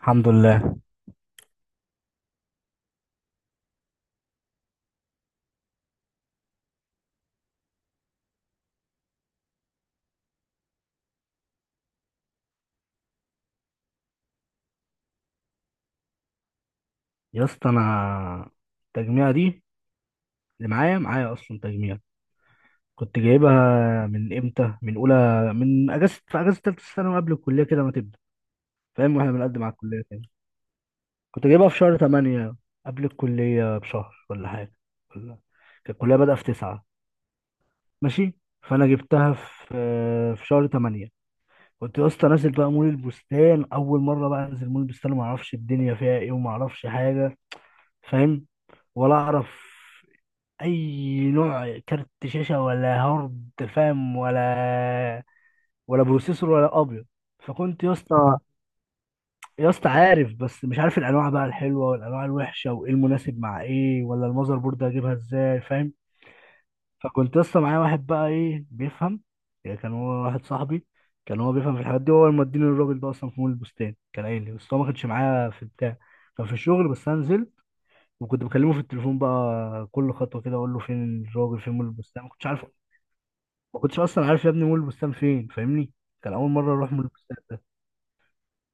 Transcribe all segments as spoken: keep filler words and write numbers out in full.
الحمد لله. يا اسطى، انا التجميعه دي اللي معايا معايا اصلا تجميع. كنت جايبها من امتى، من اولى، من اجازه، في اجازه ثالثه ثانوي قبل الكليه كده ما تبدا، فاهم؟ واحنا بنقدم على الكليه كده. كنت جايبها في شهر ثمانية قبل الكليه بشهر ولا حاجه، ولا كانت الكليه بدأ في تسعة. ماشي. فانا جبتها في في شهر ثمانية. كنت يا اسطى نازل بقى مول البستان اول مره بقى انزل مول البستان، وما اعرفش الدنيا فيها ايه وما اعرفش حاجه. فاهم؟ ولا اعرف اي نوع كارت شاشه ولا هارد، فاهم؟ ولا ولا بروسيسور ولا ابيض. فكنت يا اسطى يا اسطى عارف، بس مش عارف الانواع بقى الحلوه والانواع الوحشه، وايه المناسب مع ايه، ولا المذر بورد هجيبها ازاي، فاهم؟ فكنت يا اسطى معايا واحد بقى ايه بيفهم، يعني كان هو واحد صاحبي، كان هو بيفهم في الحاجات دي. هو اللي مديني الراجل ده اصلا في مول البستان، كان قايل لي. بس هو ما كانش معايا في بتاع، كان في الشغل، بس انا نزلت. وكنت بكلمه في التليفون بقى كل خطوه كده، اقول له فين الراجل، فين مول البستان، ما كنتش عارف. ما كنتش اصلا عارف يا ابني مول البستان فين، فاهمني؟ كان اول مره اروح مول البستان ده.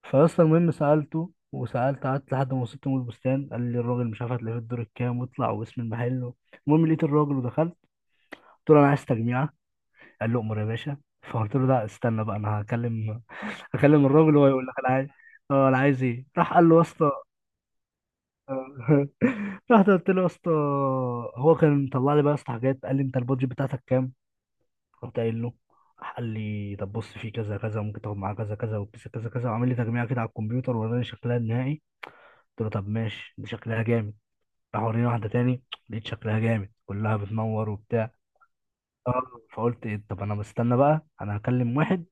فاصلا المهم سالته وسالت، قعدت لحد ما وصلت مول البستان، قال لي الراجل مش عارف هتلاقيه في الدور الكام، واطلع، واسم المحل. المهم لقيت الراجل ودخلت، قلت له انا عايز تجميعه. قال لي امر يا باشا. فقلت له لا استنى بقى، انا هكلم، هكلم الراجل وهو يقول لك انا عايز. اه انا عايز ايه، راح قال له يا اسطى. رحت قلت له يا اسطى، هو كان مطلع لي بقى يا اسطى حاجات، قال لي انت البادجت بتاعتك كام؟ رحت قايل له. قال لي طب بص، في كذا كذا ممكن تاخد معاه كذا كذا، وكذا كذا كذا. وعامل لي تجميع كده على الكمبيوتر، وراني شكلها النهائي. قلت له طب ماشي، دي شكلها جامد. راح وريني واحده تاني، لقيت شكلها جامد، كلها بتنور وبتاع. اه. فقلت ايه طب، انا مستنى بقى، انا هكلم واحد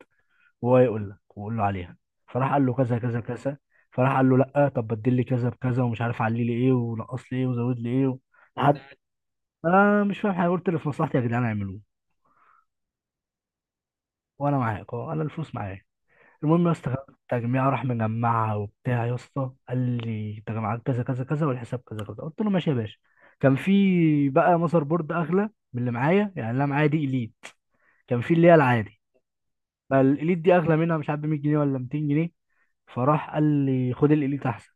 وهو يقول لك واقول له عليها. فراح قال له كذا كذا كذا، فراح قال له لا طب بدل لي كذا بكذا، ومش عارف علي لي ايه، ونقص لي ايه، وزود لي ايه. لحد... انا مش فاهم حاجه، قلت اللي في مصلحتي يا جدعان اعملوه، وانا معاك. اه انا الفلوس معايا. المهم يا اسطى خدت التجميع، راح مجمعها وبتاع. يا اسطى قال لي تجمعات كذا كذا كذا، والحساب كذا كذا. قلت له ماشي يا باشا. كان في بقى ماذر بورد اغلى من اللي معايا، يعني اللي أنا معايا دي اليت، كان في اللي هي العادي. فالاليت دي اغلى منها، مش عارف ب ميت جنيه ولا ميتين جنيه. فراح قال لي خد الاليت احسن.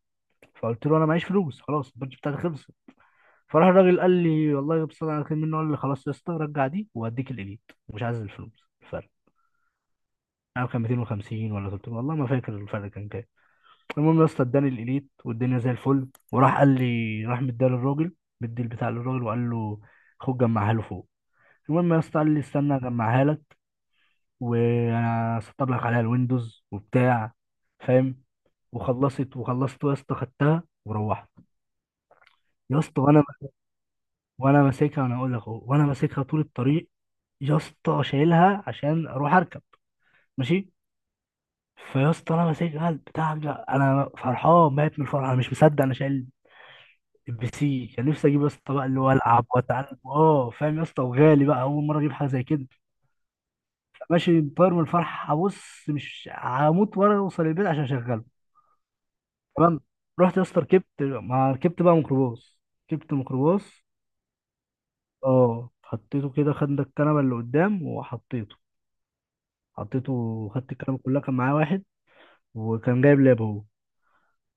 فقلت له انا معيش فلوس، خلاص البادج بتاعتي خلصت. فراح الراجل قال لي والله بص، انا كان منه، قال لي خلاص يا اسطى رجع دي واديك الاليت، مش عايز الفلوس الفرق. يعني كان ميتين وخمسين ولا تلتمية، والله ما فاكر الفرق كان كام. المهم يا اسطى اداني الاليت والدنيا زي الفل. وراح قال لي، راح مديها للراجل، مدي البتاع للراجل وقال له خد جمعها له فوق. المهم يا اسطى قال لي استنى اجمعها لك، وانا سطب لك عليها الويندوز وبتاع، فاهم؟ وخلصت. وخلصت يا اسطى خدتها وروحت. يا اسطى وانا وانا ماسكها، انا اقول لك اهو، وانا ماسكها طول الطريق يا اسطى، شايلها عشان اروح اركب. ماشي. فيا اسطى انا ماسكها البتاع ده، انا فرحان ميت من الفرح، انا مش مصدق انا شايل البي سي. كان نفسي اجيب يا اسطى بقى اللي هو العب واتعلم، اه فاهم يا اسطى؟ وغالي بقى، اول مره اجيب حاجه زي كده. ماشي. طاير من الفرح، هبص مش هموت وانا اوصل البيت عشان اشغله. تمام. رحت يا اسطى ركبت، ما ركبت بقى ميكروباص، ركبت ميكروباص. اه، حطيته كده، خدنا الكنبه اللي قدام وحطيته. حطيته... خدت الكنبه كلها، كان معايا واحد وكان جايب لاب هو،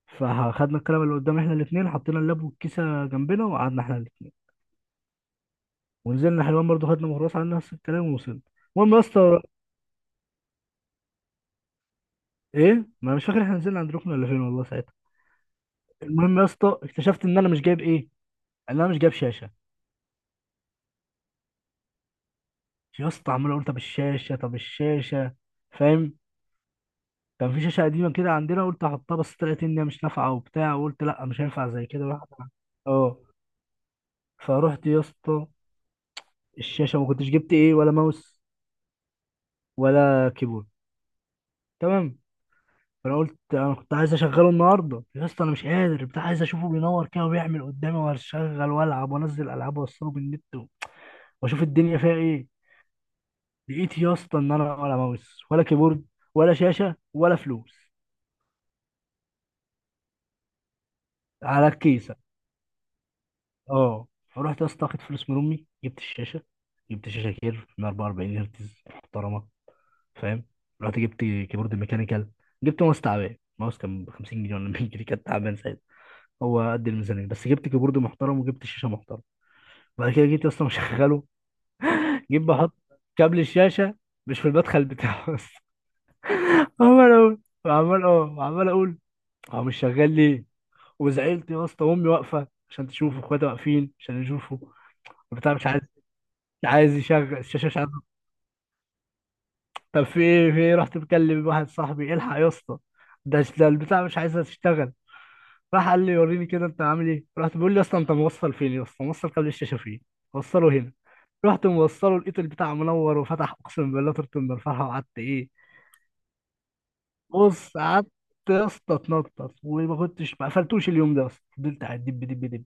فخدنا الكنبه اللي قدام احنا الاثنين، حطينا اللاب والكيسه جنبنا، وقعدنا احنا الاثنين. ونزلنا حلوان برضو، خدنا ميكروباص على نفس الكلام ووصلنا. المهم يا اسطى... ايه، ما أنا مش فاكر احنا نزلنا عند ركن ولا فين، والله ساعتها. المهم يا اسطى اكتشفت ان انا مش جايب ايه، ان انا مش جايب شاشه. يا اسطى عمال اقول طب الشاشه، طب الشاشه، فاهم؟ كان في شاشه قديمه كده عندنا، قلت احطها، بس طلعت ان هي مش نافعه وبتاع، وقلت لا مش هينفع زي كده واحد. اه. فروحت يا اسطى... الشاشه ما كنتش جبت ايه، ولا ماوس ولا كيبورد. تمام. فانا قلت انا كنت عايز اشغله النهارده يا اسطى، انا مش قادر بتاع، عايز اشوفه بينور كده وبيعمل قدامي، واشغل والعب وانزل العاب واوصله بالنت، واشوف الدنيا فيها ايه. لقيت يا اسطى ان انا ولا ماوس ولا كيبورد ولا شاشه ولا فلوس، على الكيسه. اه. فرحت يا اسطى واخد فلوس من امي، جبت الشاشه. جبت شاشه كير من اربعه واربعين هرتز محترمه، فاهم؟ رحت جبت كيبورد ميكانيكال. جبت ماوس تعبان، ماوس كان ب خمسين جنيه ولا ميت جنيه، كان تعبان ساعتها، هو قد الميزانيه. بس جبت كيبورد محترم، وجبت شاشه محترمه. بعد كده جيت يا اسطى مشغله، جيت بحط كابل الشاشه مش في المدخل بتاعه بس. عمال اقول عمال اه عمال اقول هو مش شغال ليه. وزعلت يا اسطى، وامي واقفه عشان تشوفه، اخواتي واقفين عشان يشوفوا وبتاع. مش عايز مش عايز يشغل الشاشه، مش عايز. طب في ايه، في ايه؟ رحت مكلم واحد صاحبي الحق يا اسطى، ده ده البتاع مش عايزها تشتغل. راح قال لي وريني كده انت عامل ايه. رحت بيقول لي يا اسطى انت موصل فين، يا اسطى موصل قبل الشاشه فين؟ وصله هنا. رحت موصله، لقيت البتاع منور وفتح، اقسم بالله طرت من الفرحه. وقعدت ايه، بص قعدت يا اسطى اتنطط، وما كنتش ما قفلتوش اليوم ده يا اسطى، فضلت قاعد دب دب دب.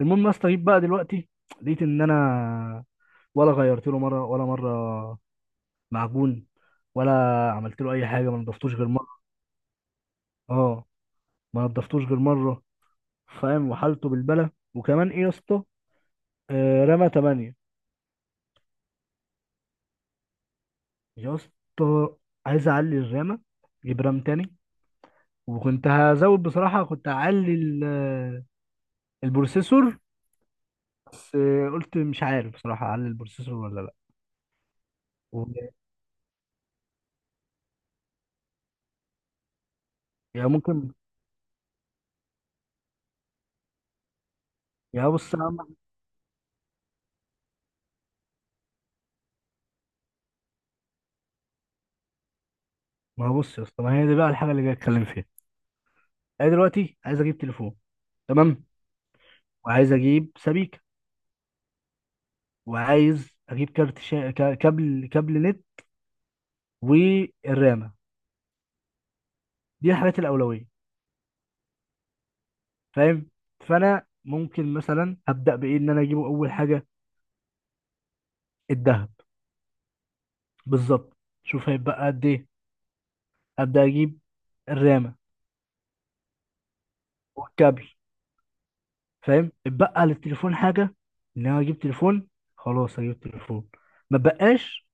المهم يا اسطى جيت بقى دلوقتي، لقيت ان انا ولا غيرت له مره ولا مره معجون، ولا عملت له اي حاجه، ما نضفتوش غير مره. اه، ما نضفتوش غير مره. فاهم؟ وحالته بالبلة. وكمان ايه يا اسطى، آه، رمى تمانية. يا اسطى عايز اعلي الرامه، اجيب رام تاني. وكنت هزود بصراحه، كنت هعلي ال- البروسيسور بس. قلت مش عارف بصراحة أعلي البروسيسور ولا لأ. و- يا ممكن... يا بص يا عم، ما هو بص يا اسطى، ما هي دي بقى الحاجة اللي جاي أتكلم فيها. أنا دلوقتي عايز أجيب تليفون. تمام. وعايز أجيب سبيكة. وعايز أجيب كارت شا... ك- كابل كابل نت، والرامة. دي الحاجات الأولوية، فاهم؟ فأنا ممكن مثلا أبدأ بإيه، إن أنا أجيبه أول حاجة الذهب. بالظبط. شوف هيبقى قد إيه. أبدأ أجيب الرامة والكابل، فاهم؟ اتبقى للتليفون حاجه، ان انا اجيب تليفون. خلاص هجيب تليفون، ما بقاش.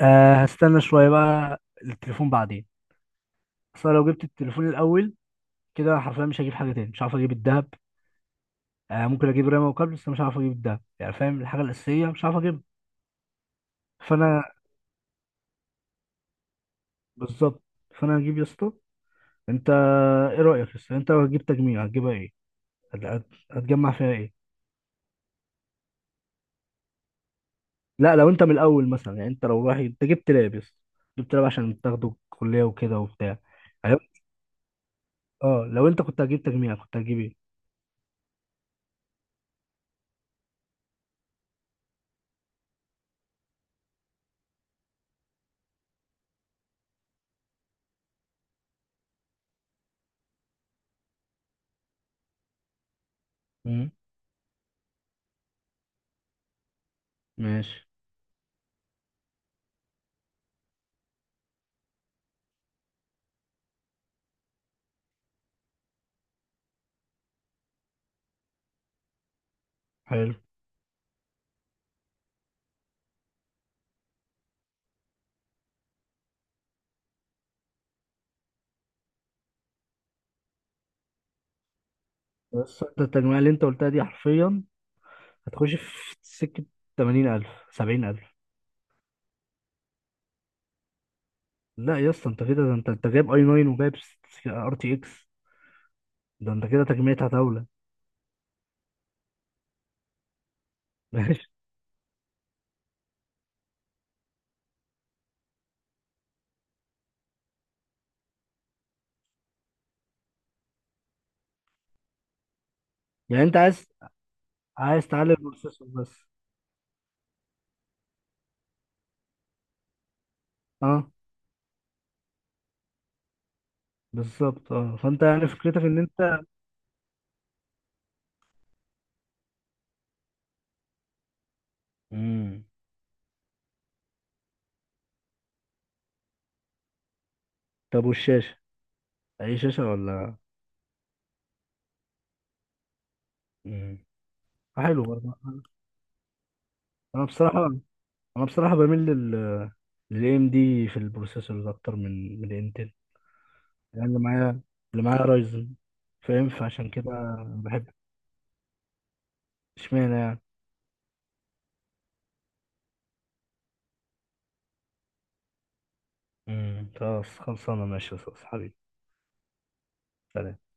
آه هستنى شويه بقى للتليفون بعدين. اصل أنا لو جبت التليفون الاول، كده حرفيا مش هجيب حاجه تاني، مش هعرف اجيب الذهب. آه ممكن اجيب رامه وكابل، بس مش هعرف اجيب الذهب يعني، فاهم؟ الحاجه الاساسيه مش هعرف اجيبها. فانا... بالظبط. فانا هجيب يا اسطى... انت ايه رايك يا اسطى، انت لو هتجيب تجميع هتجيبها ايه؟ هت- هت- هتجمع فيها ايه؟ لا لو انت من الاول مثلا يعني، انت لو رايح، انت جبت لاب يا اسطى، جبت لاب عشان تاخده الكليه وكده وبتاع يعني. اه لو انت كنت هتجيب تجميع، كنت هتجيب ايه؟ مم. ماشي. حلو. بس انت التجميع اللي انت قلتها دي حرفيا هتخش في سكة تمانين الف سبعين الف. لا يا اسطى انت كده، ده انت انت جايب اي تسعة وجايب ار تي اكس، ده انت كده تجميعتها هتولى. ماشي. يعني انت عايز عايز تعلي البروسيسور بس. اه بالظبط. اه فانت يعني فكرتك ان انت... مم. طب والشاشة، اي شاشة ولا... مم. حلو برضه. انا بصراحة... انا بصراحه بميل لل... للاي ام دي في البروسيسورز اكتر من من الانتل. يعني اللي معايا اللي معايا رايزن، فاهم؟ فعشان كده بحب. اشمعنى يعني؟ امم، خلاص، خلصانه. ماشي يا أستاذ حبيبي. سلام.